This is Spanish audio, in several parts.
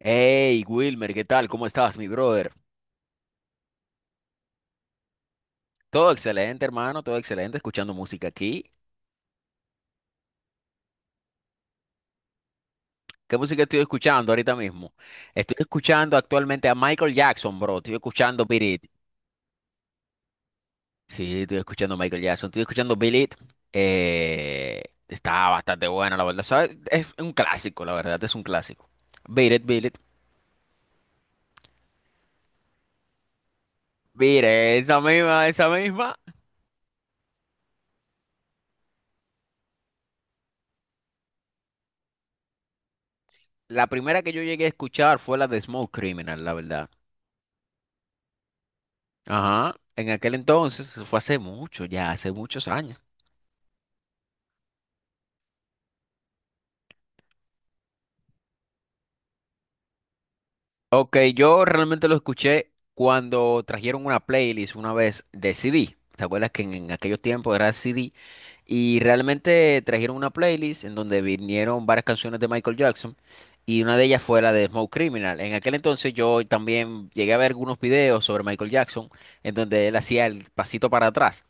Hey Wilmer, ¿qué tal? ¿Cómo estás, mi brother? Todo excelente, hermano, todo excelente, escuchando música aquí. ¿Qué música estoy escuchando ahorita mismo? Estoy escuchando actualmente a Michael Jackson, bro. Estoy escuchando Beat It. Sí, estoy escuchando a Michael Jackson. Estoy escuchando Beat It. Está bastante buena, la verdad. ¿Sabes? Es un clásico, la verdad, es un clásico. Beat It, Beat It. Beat esa misma, esa misma. La primera que yo llegué a escuchar fue la de Smoke Criminal, la verdad. Ajá, en aquel entonces, eso fue hace mucho, ya hace muchos años. Ok, yo realmente lo escuché cuando trajeron una playlist una vez de CD. ¿Te acuerdas que en aquellos tiempos era CD? Y realmente trajeron una playlist en donde vinieron varias canciones de Michael Jackson y una de ellas fue la de Smoke Criminal. En aquel entonces yo también llegué a ver algunos videos sobre Michael Jackson en donde él hacía el pasito para atrás.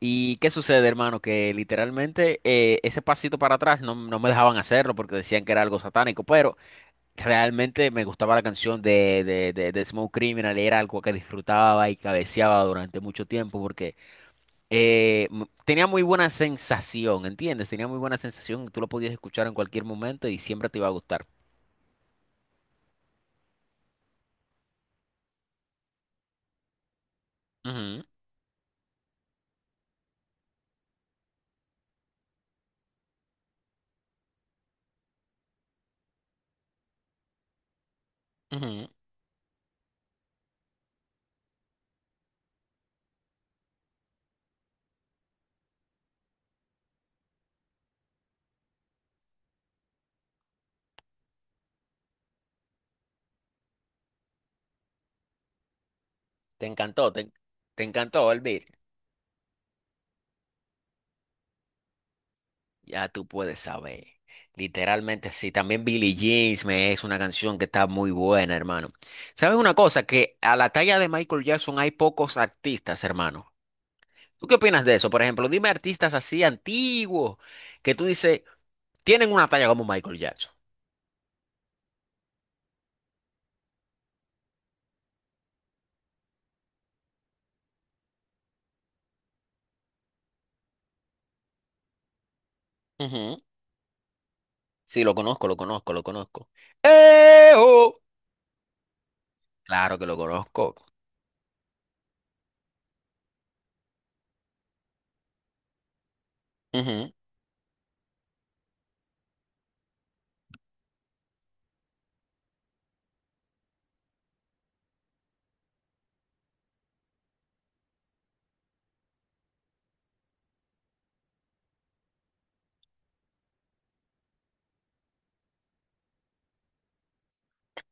¿Y qué sucede, hermano? Que literalmente ese pasito para atrás no me dejaban hacerlo porque decían que era algo satánico, pero realmente me gustaba la canción de Smooth Criminal y era algo que disfrutaba y cabeceaba durante mucho tiempo porque tenía muy buena sensación, ¿entiendes? Tenía muy buena sensación, tú lo podías escuchar en cualquier momento y siempre te iba a gustar. Ujú, ujú. Te encantó, te encantó, Elvir. Ya tú puedes saber. Literalmente sí. También Billie Jeans me es una canción que está muy buena, hermano. ¿Sabes una cosa? Que a la talla de Michael Jackson hay pocos artistas, hermano. ¿Tú qué opinas de eso? Por ejemplo, dime artistas así antiguos que tú dices, tienen una talla como Michael Jackson. Ujú. Sí, lo conozco, lo conozco, lo conozco. ¡Eh, oh! Claro que lo conozco. Ujú.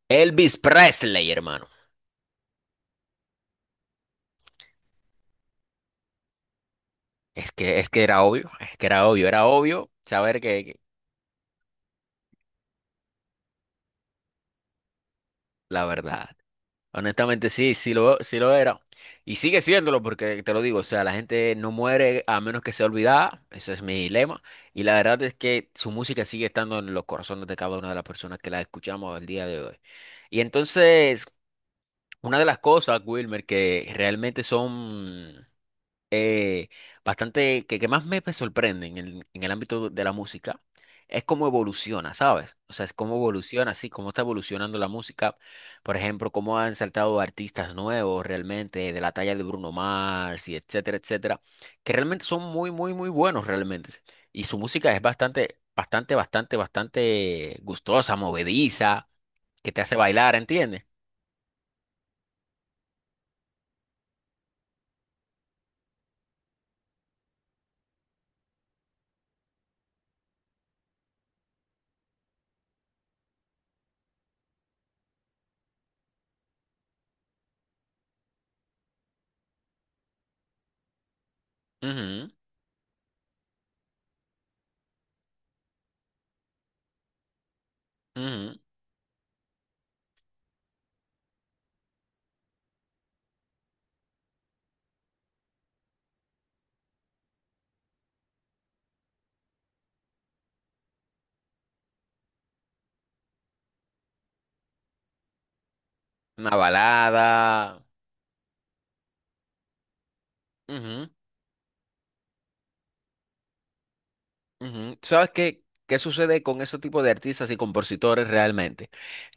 Elvis Presley, hermano. Es que era obvio, es que era obvio saber que la verdad. Honestamente, sí, sí lo era. Y sigue siéndolo porque te lo digo, o sea, la gente no muere a menos que sea olvidada, eso es mi lema. Y la verdad es que su música sigue estando en los corazones de cada una de las personas que la escuchamos al día de hoy. Y entonces, una de las cosas, Wilmer, que realmente son eh, bastante, que más me pues, sorprende en en el ámbito de la música, es cómo evoluciona, ¿sabes? O sea, es cómo evoluciona, sí, cómo está evolucionando la música. Por ejemplo, cómo han saltado artistas nuevos realmente, de la talla de Bruno Mars y etcétera, etcétera, que realmente son muy, muy, muy buenos realmente. Y su música es bastante, bastante, bastante, bastante gustosa, movediza, que te hace bailar, ¿entiendes? Ujú, ujú. Una balada. Ujú. Ujú. ¿Tú ¿Sabes qué, qué sucede con ese tipo de artistas y compositores realmente?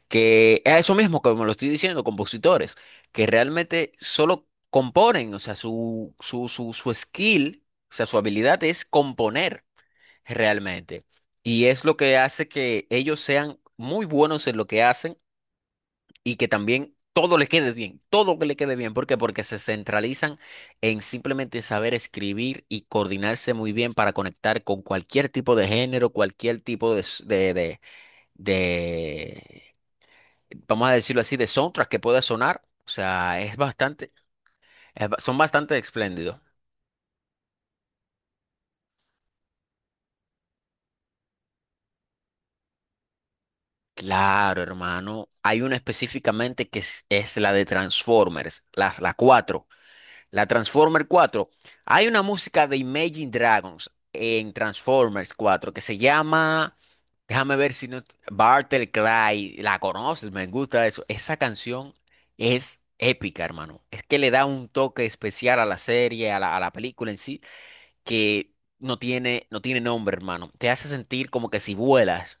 Que es eso mismo, como lo estoy diciendo, compositores, que realmente solo componen, o sea, su skill, o sea, su habilidad es componer realmente. Y es lo que hace que ellos sean muy buenos en lo que hacen y que también todo le quede bien, todo que le quede bien. ¿Por qué? Porque se centralizan en simplemente saber escribir y coordinarse muy bien para conectar con cualquier tipo de género, cualquier tipo de vamos a decirlo así, de soundtrack que pueda sonar. O sea, es bastante, es son bastante espléndidos. Claro, hermano. Hay una específicamente que es la de Transformers, la cuatro. La Transformer cuatro. Hay una música de Imagine Dragons en Transformers 4 que se llama, déjame ver si no, Bartle Cry. La conoces, me gusta eso. Esa canción es épica, hermano. Es que le da un toque especial a la serie, a a la película en sí, que no tiene, no tiene nombre, hermano. Te hace sentir como que si vuelas.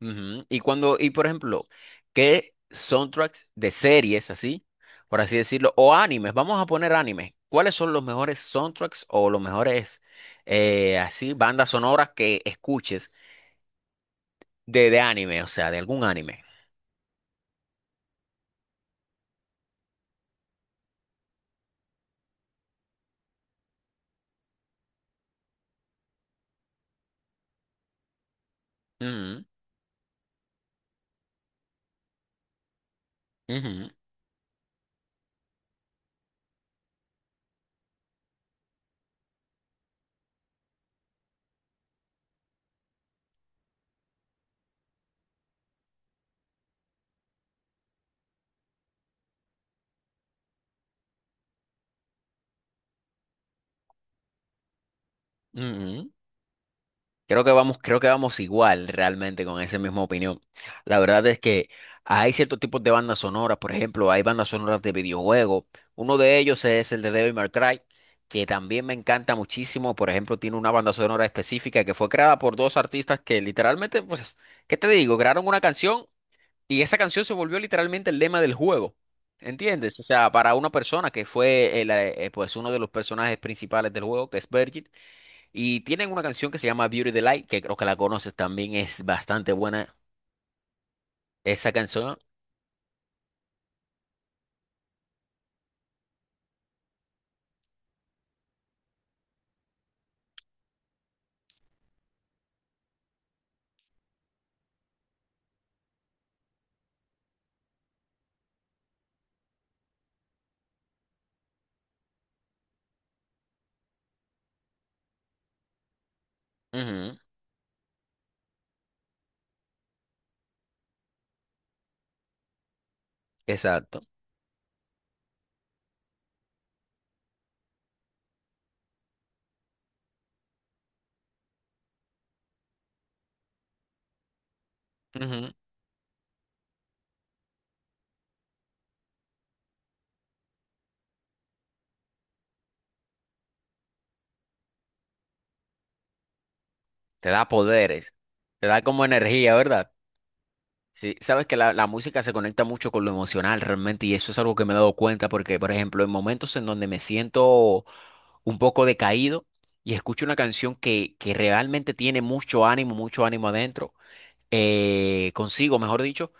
Ujú. Y cuando, y por ejemplo, ¿qué soundtracks de series así, por así decirlo, o animes? Vamos a poner animes. ¿Cuáles son los mejores soundtracks o los mejores así bandas sonoras que escuches de anime, o sea, de algún anime? Ujú, ujú, ujú. Creo que vamos igual realmente con esa misma opinión. La verdad es que hay ciertos tipos de bandas sonoras, por ejemplo, hay bandas sonoras de videojuegos. Uno de ellos es el de Devil May Cry, que también me encanta muchísimo. Por ejemplo, tiene una banda sonora específica que fue creada por dos artistas que literalmente, pues, ¿qué te digo? Crearon una canción y esa canción se volvió literalmente el lema del juego. ¿Entiendes? O sea, para una persona que fue el, pues uno de los personajes principales del juego, que es Virgil. Y tienen una canción que se llama Beauty the Light, que creo que la conoces también, es bastante buena. Esa canción, ujú, exacto, ujú. Te da poderes, te da como energía, ¿verdad? Sí, sabes que la música se conecta mucho con lo emocional realmente, y eso es algo que me he dado cuenta, porque, por ejemplo, en momentos en donde me siento un poco decaído y escucho una canción que realmente tiene mucho ánimo adentro, consigo, mejor dicho,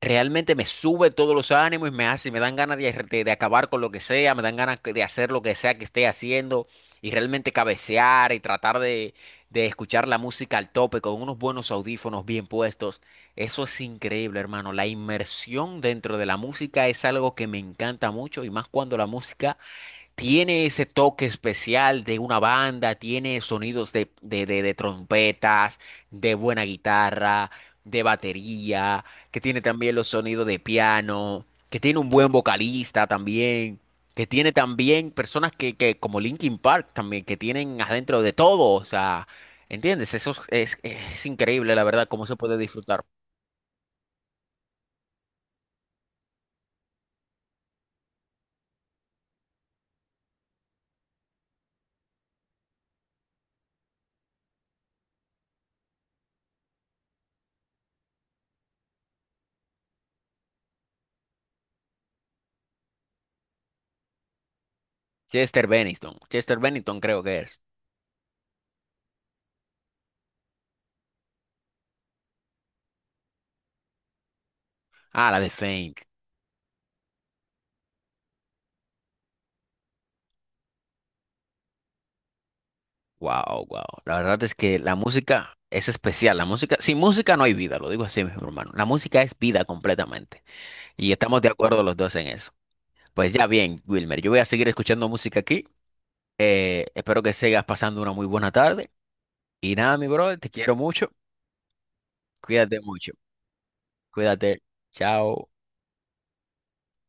realmente me sube todos los ánimos y me hace, me dan ganas de acabar con lo que sea, me dan ganas de hacer lo que sea que esté haciendo y realmente cabecear y tratar de escuchar la música al tope con unos buenos audífonos bien puestos. Eso es increíble, hermano. La inmersión dentro de la música es algo que me encanta mucho y más cuando la música tiene ese toque especial de una banda, tiene sonidos de trompetas, de buena guitarra, de batería, que tiene también los sonidos de piano, que tiene un buen vocalista también, que tiene también personas que como Linkin Park también, que tienen adentro de todo, o sea, ¿entiendes? Eso es increíble, la verdad, cómo se puede disfrutar. Chester Bennington, Chester Bennington creo que es. Ah, la de Fame. Wow, wow. La verdad es que la música es especial. La música, sin música no hay vida, lo digo así, mi hermano. La música es vida completamente. Y estamos de acuerdo los dos en eso. Pues ya bien, Wilmer, yo voy a seguir escuchando música aquí. Espero que sigas pasando una muy buena tarde. Y nada, mi brother, te quiero mucho. Cuídate mucho. Cuídate. Chao.